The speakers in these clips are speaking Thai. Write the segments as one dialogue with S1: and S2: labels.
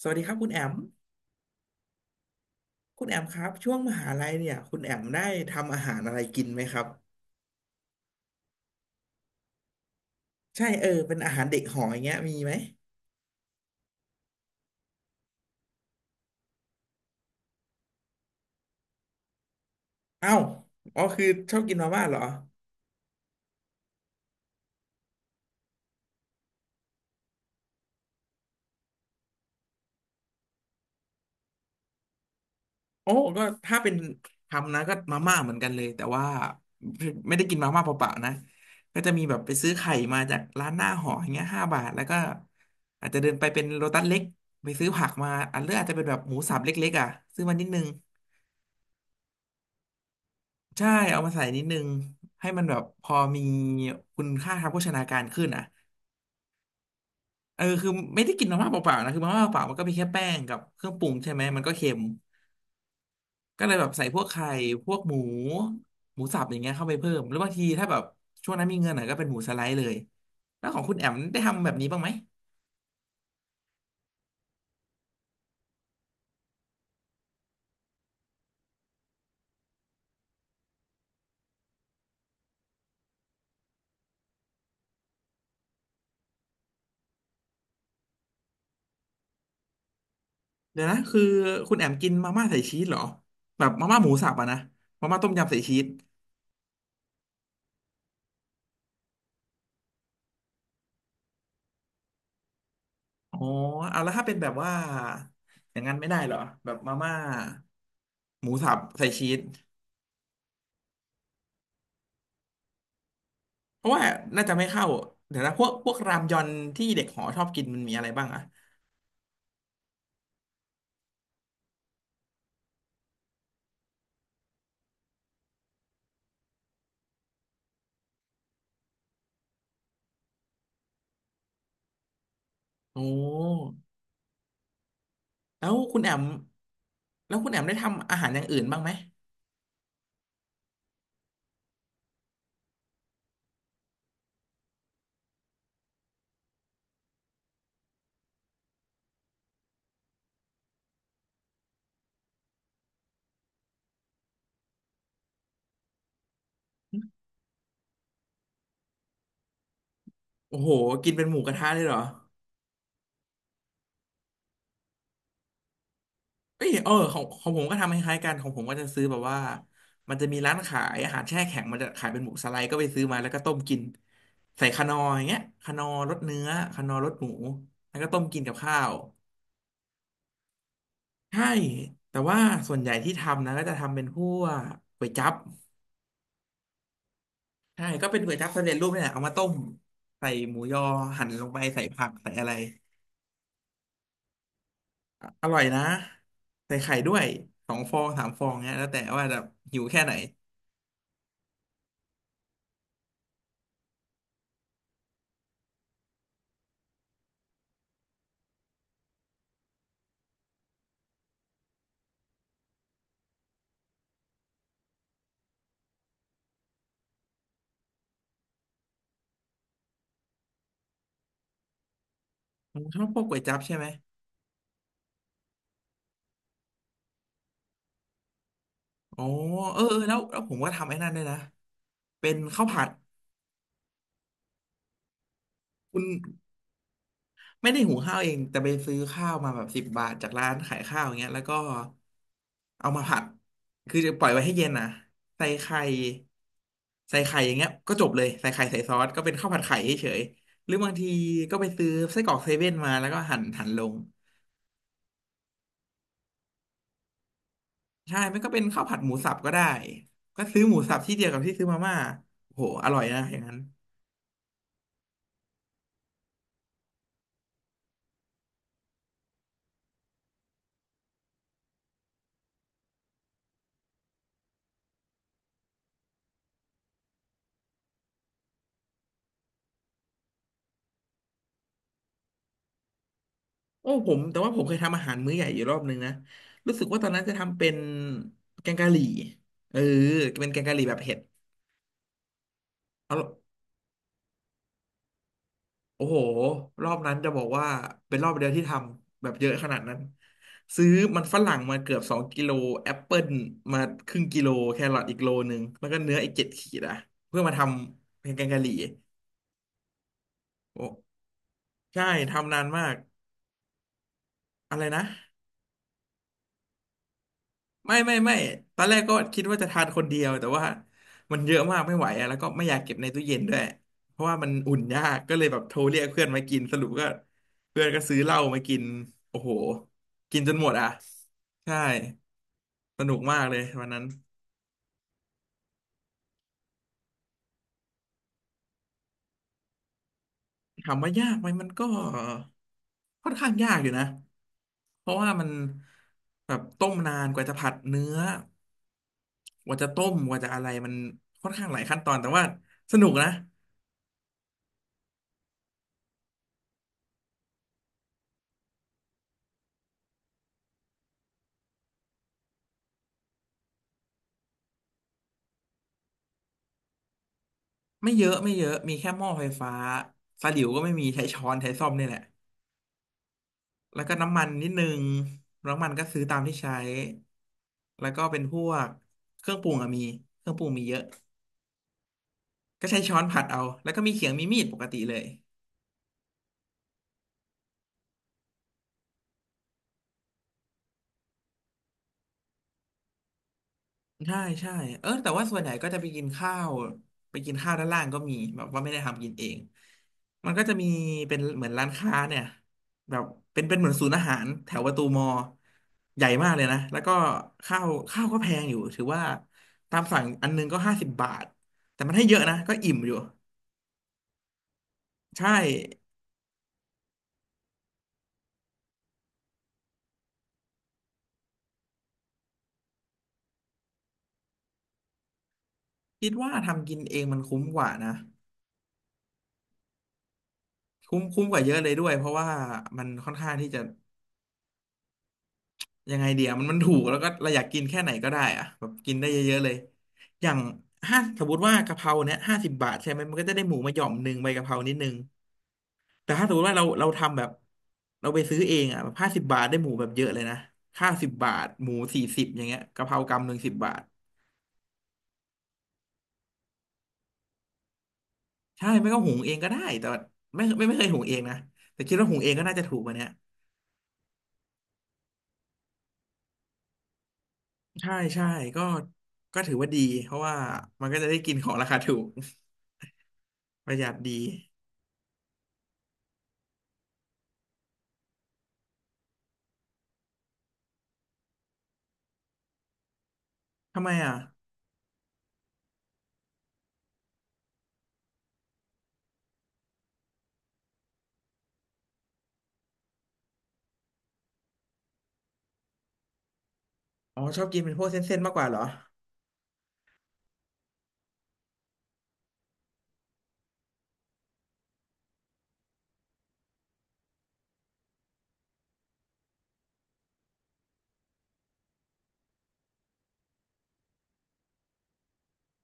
S1: สวัสดีครับคุณแอมคุณแอมครับช่วงมหาลัยเนี่ยคุณแอมได้ทำอาหารอะไรกินไหมครับใช่เออเป็นอาหารเด็กหออย่างเงี้ยมีไหมเอ้าวอ๋อคือชอบกินมาม่าเหรอโอ้ก็ถ้าเป็นทำนะก็มาม่าเหมือนกันเลยแต่ว่าไม่ได้กินมาม่าเปล่าๆนะก็จะมีแบบไปซื้อไข่มาจากร้านหน้าหออย่างเงี้ย5 บาทแล้วก็อาจจะเดินไปเป็นโลตัสเล็กไปซื้อผักมาอันเลือกอาจจะเป็นแบบหมูสับเล็กๆอ่ะซื้อมานิดนึง ใช่เอามาใส่นิดนึงให้มันแบบพอมีคุณค่าทางโภชนาการขึ้นอ่ะเออคือไม่ได้กินมาม่าเปล่าๆนะคือมาม่าเปล่ามันก็มีแค่แป้งกับเครื่องปรุงใช่ไหมมันก็เค็มก็เลยแบบใส่พวกไข่พวกหมูหมูสับอย่างเงี้ยเข้าไปเพิ่มหรือบางทีถ้าแบบช่วงนั้นมีเงินหน่อยก็เป็นหมูสไลด์เลยแล้วของคุณแอมได้ทำแบบนี้บ้างไหมเดี๋ยวนะคือคุณแอมกินมาม่าใส่ชีสเหรอแบบมาม่าหมูสับอะนะมาม่าต้มยำใส่ชีส อ๋อเอาแล้วถ้าเป็นแบบว่าอย่างนั้นไม่ได้เหรอแบบมาม่าหมูสับใส่ชีสเพราะว่าน่าจะไม่เข้าเดี๋ยวนะพวกรามยอนที่เด็กหอชอบกินมันมีอะไรบ้างอะโอ้แล้วคุณแอมได้ทำอาหารอย่างอื่นบ้างไหมโอ้โหกินเป็นหมูกระทะเลยเหรอ เอ้ยเออของของผมก็ทำคล้ายๆกันของผมก็จะซื้อแบบว่ามันจะมีร้านขายอาหารแช่แข็งมันจะขายเป็นหมูสไลด์ก็ไปซื้อมาแล้วก็ต้มกินใส่คานอร์อย่างเงี้ยคานอร์รสเนื้อคานอร์รสหมูแล้วก็ต้มกินกับข้าวใช่แต่ว่าส่วนใหญ่ที่ทำนะก็จะทำเป็นพวกก๋วยจั๊บใช่ก็เป็นก๋วยจั๊บสำเร็จรูปเนี่ยเอามาต้มใส่หมูยอหั่นลงไปใส่ผักใส่อะไรอร่อยนะใส่ไข่ด้วย2 ฟอง3 ฟองเงี้ยแล้วแต่ว่าจะหิวแค่ไหนผมชอบพวกก๋วยจั๊บใช่ไหม อ๋อเออเออแล้วผมก็ทำไอ้นั่นด้วยนะเป็นข้าวผัดคุณไม่ได้หุงข้าวเองแต่ไปซื้อข้าวมาแบบสิบบาทจากร้านขายข้าวอย่างเงี้ยแล้วก็เอามาผัดคือจะปล่อยไว้ให้เย็นนะใส่ไข่ใส่ไข่อย่างเงี้ยก็จบเลยใส่ไข่ใส่ซอสก็เป็นข้าวผัดไข่เฉยๆหรือบางทีก็ไปซื้อไส้กรอกเซเว่นมาแล้วก็หั่นลงใช่ไม่ก็เป็นข้าวผัดหมูสับก็ได้ก็ซื้อหมูสับที่เดียวกับที่ซื้อมาม่าโอ้โหอร่อยนะอย่างนั้น โอ้ผมแต่ว่าผมเคยทำอาหารมื้อใหญ่อยู่รอบนึงนะรู้สึกว่าตอนนั้นจะทำเป็นแกงกะหรี่เออเป็นแกงกะหรี่แบบเผ็ดเอาโอ้โหรอบนั้นจะบอกว่าเป็นรอบเดียวที่ทำแบบเยอะขนาดนั้นซื้อมันฝรั่งมาเกือบ2 กิโลแอปเปิลมาครึ่งกิโลแครอทอีกโลนึงแล้วก็เนื้ออีก7 ขีดอะเพื่อมาทำเป็นแกงกะหรี่โอ้ใช่ทำนานมากอะไรนะ ไม่ไม่ไม่ตอนแรกก็คิดว่าจะทานคนเดียวแต่ว่ามันเยอะมากไม่ไหวอะแล้วก็ไม่อยากเก็บในตู้เย็นด้วยเพราะว่ามันอุ่นยากก็เลยแบบโทรเรียกเพื่อนมากินสรุปก็เพื่อนก็ซื้อเหล้ามากินโอ้โหกินจนหมดอ่ะใช่สนุกมากเลยวันนั้นถามว่ายากไหมมันก็ค่อนข้างยากอยู่นะเพราะว่ามันแบบต้มนานกว่าจะผัดเนื้อกว่าจะต้มกว่าจะอะไรมันค่อนข้างหลายขั้นตอนแต่ว่าสนุกนะ ไม่เยอะไม่เยอะมีแค่หม้อไฟฟ้าสลิ่วก็ไม่มีใช้ช้อนใช้ส้อมนี่แหละแล้วก็น้ำมันนิดนึงน้ำมันก็ซื้อตามที่ใช้แล้วก็เป็นพวกเครื่องปรุงอะมีเครื่องปรุงมีเยอะก็ใช้ช้อนผัดเอาแล้วก็มีเขียงมีมีดปกติเลย ใช่ใช่เออแต่ว่าส่วนใหญ่ก็จะไปกินข้าวไปกินข้าวด้านล่างก็มีแบบว่าไม่ได้ทำกินเองมันก็จะมีเป็นเหมือนร้านค้าเนี่ยแบบเป็นเหมือนศูนย์อาหารแถวประตูมอใหญ่มากเลยนะแล้วก็ข้าวข้าวก็แพงอยู่ถือว่าตามสั่งอันนึงก็50 บาทแต่มันให้เยอะนะก็อิ่มอยู่ใช่คิดว่าทำกินเองมันคุ้มกว่านะคุ้มคุ้มกว่าเยอะเลยด้วยเพราะว่ามันค่อนข้างที่จะ ยังไงเดียวมันถูกแล้วก็เราอยากกินแค่ไหนก็ได้อะแบบกินได้เยอะๆเลย อย่างสมมติว่ากะเพราเนี้ยห้าสิบบาทใช่ไหมมันก็จะได้หมูมาหย่อมหนึ่งใบกะเพรานิดนึงแต่ถ้าสมมติว่าเราทำแบบเราไปซื้อเองอ่ะแบบห้าสิบบาทได้หมูแบบเยอะเลยนะข้าวสิบบาทหมู40อย่างเงี้ยกะเพรากำหนึ่งสิบบาทใช่ไม่ก็หุงเองก็ได้แต่ว่าไม่เคยหุงเองนะแต่คิดว่าหุงเองก็น่าจะถูกกว่าเนี้ยใช่ใช่ก็ถือว่าดี เพราะว่ามันก็จะได้กินของราคาถูก ประหยัดดีทำไมอ่ะ อ๋อชอบกินเป็นพวกเส้นๆมากกว่าเหรอ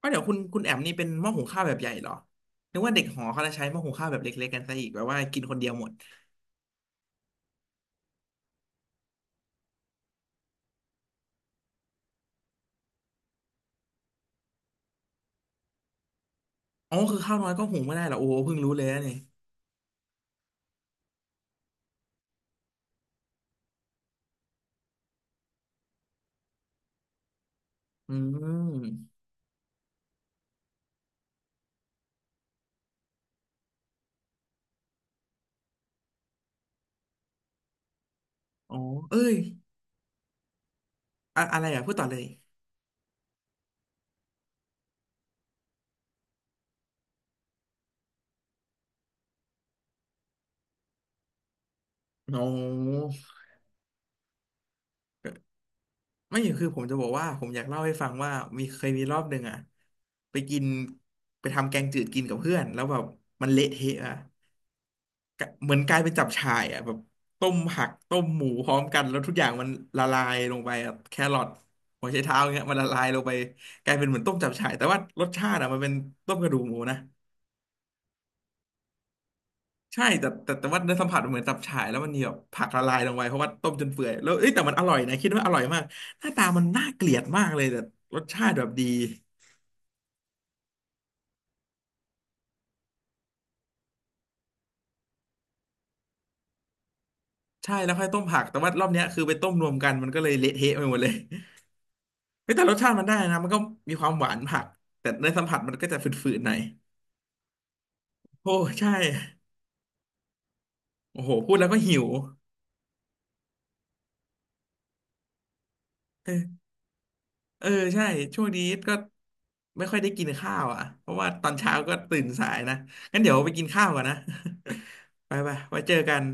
S1: อ๋อเดี๋ยวคุณแอมนี่เป็นหม้อหุงข้าวแบบใหญ่เหรอนึกว่าเด็กหอเขาจะใช้หม้อหุงข้าวแบบเล็กๆกันซะอีกแบบว่ากินคนเดียวหมดอ๋อคือข้าวน้อยก็หุงไม่ได้เหรอโอ้เพิ่งรู้เลยนะเนี่ยอืมอ๋อเอ้ยอะอะไรอ่ะพูดต่อเลยอ๋อไม่คือผมจะบอกว่าผมอยากเล่าให้ฟังว่าเคยมีรอบหนึ่งอ่ะไปกินไปทำแกงจืดกินกับเพื่อนแล้วแบบมันเละเทะอ่ะ กะเหมือนกลายเป็นจับฉ่ายอ่ะแบบต้มผักต้มหมูพร้อมกันแล้วทุกอย่างมันละลายลงไปอะแครอทหัวไชเท้าอย่างเงี้ยมันละลายลงไปกลายเป็นเหมือนต้มจับฉ่ายแต่ว่ารสชาติอ่ะมันเป็นต้มกระดูกหมูนะใช่แต่ว่าเนื้อสัมผัสมันเหมือนจับฉ่ายแล้วมันมีแบบผักละลายลงไปเพราะว่าต้มจนเปื่อยแล้วเอ้ยแต่มันอร่อยนะคิดว่าอร่อยมากหน้าตามันน่าเกลียดมากเลยแต่รสชาติแบบดีใช่แล้วค่อยต้มผักแต่ว่ารอบเนี้ยคือไปต้มรวมกันมันก็เลยเละเทะไปหมดเลยเฮ้ยแต่รสชาติมันได้นะมันก็มีความหวานผักแต่เนื้อสัมผัสมันก็จะฝืดๆหน่อย โอ้ใช่ โอ้โหพูดแล้วก็หิวเออเออใช่ช่วงนี้ก็ไม่ค่อยได้กินข้าวอ่ะเพราะว่าตอนเช้าก็ตื่นสายนะงั้นเดี๋ยวไปกินข้าวก่อนนะ ไปไว้เจอกัน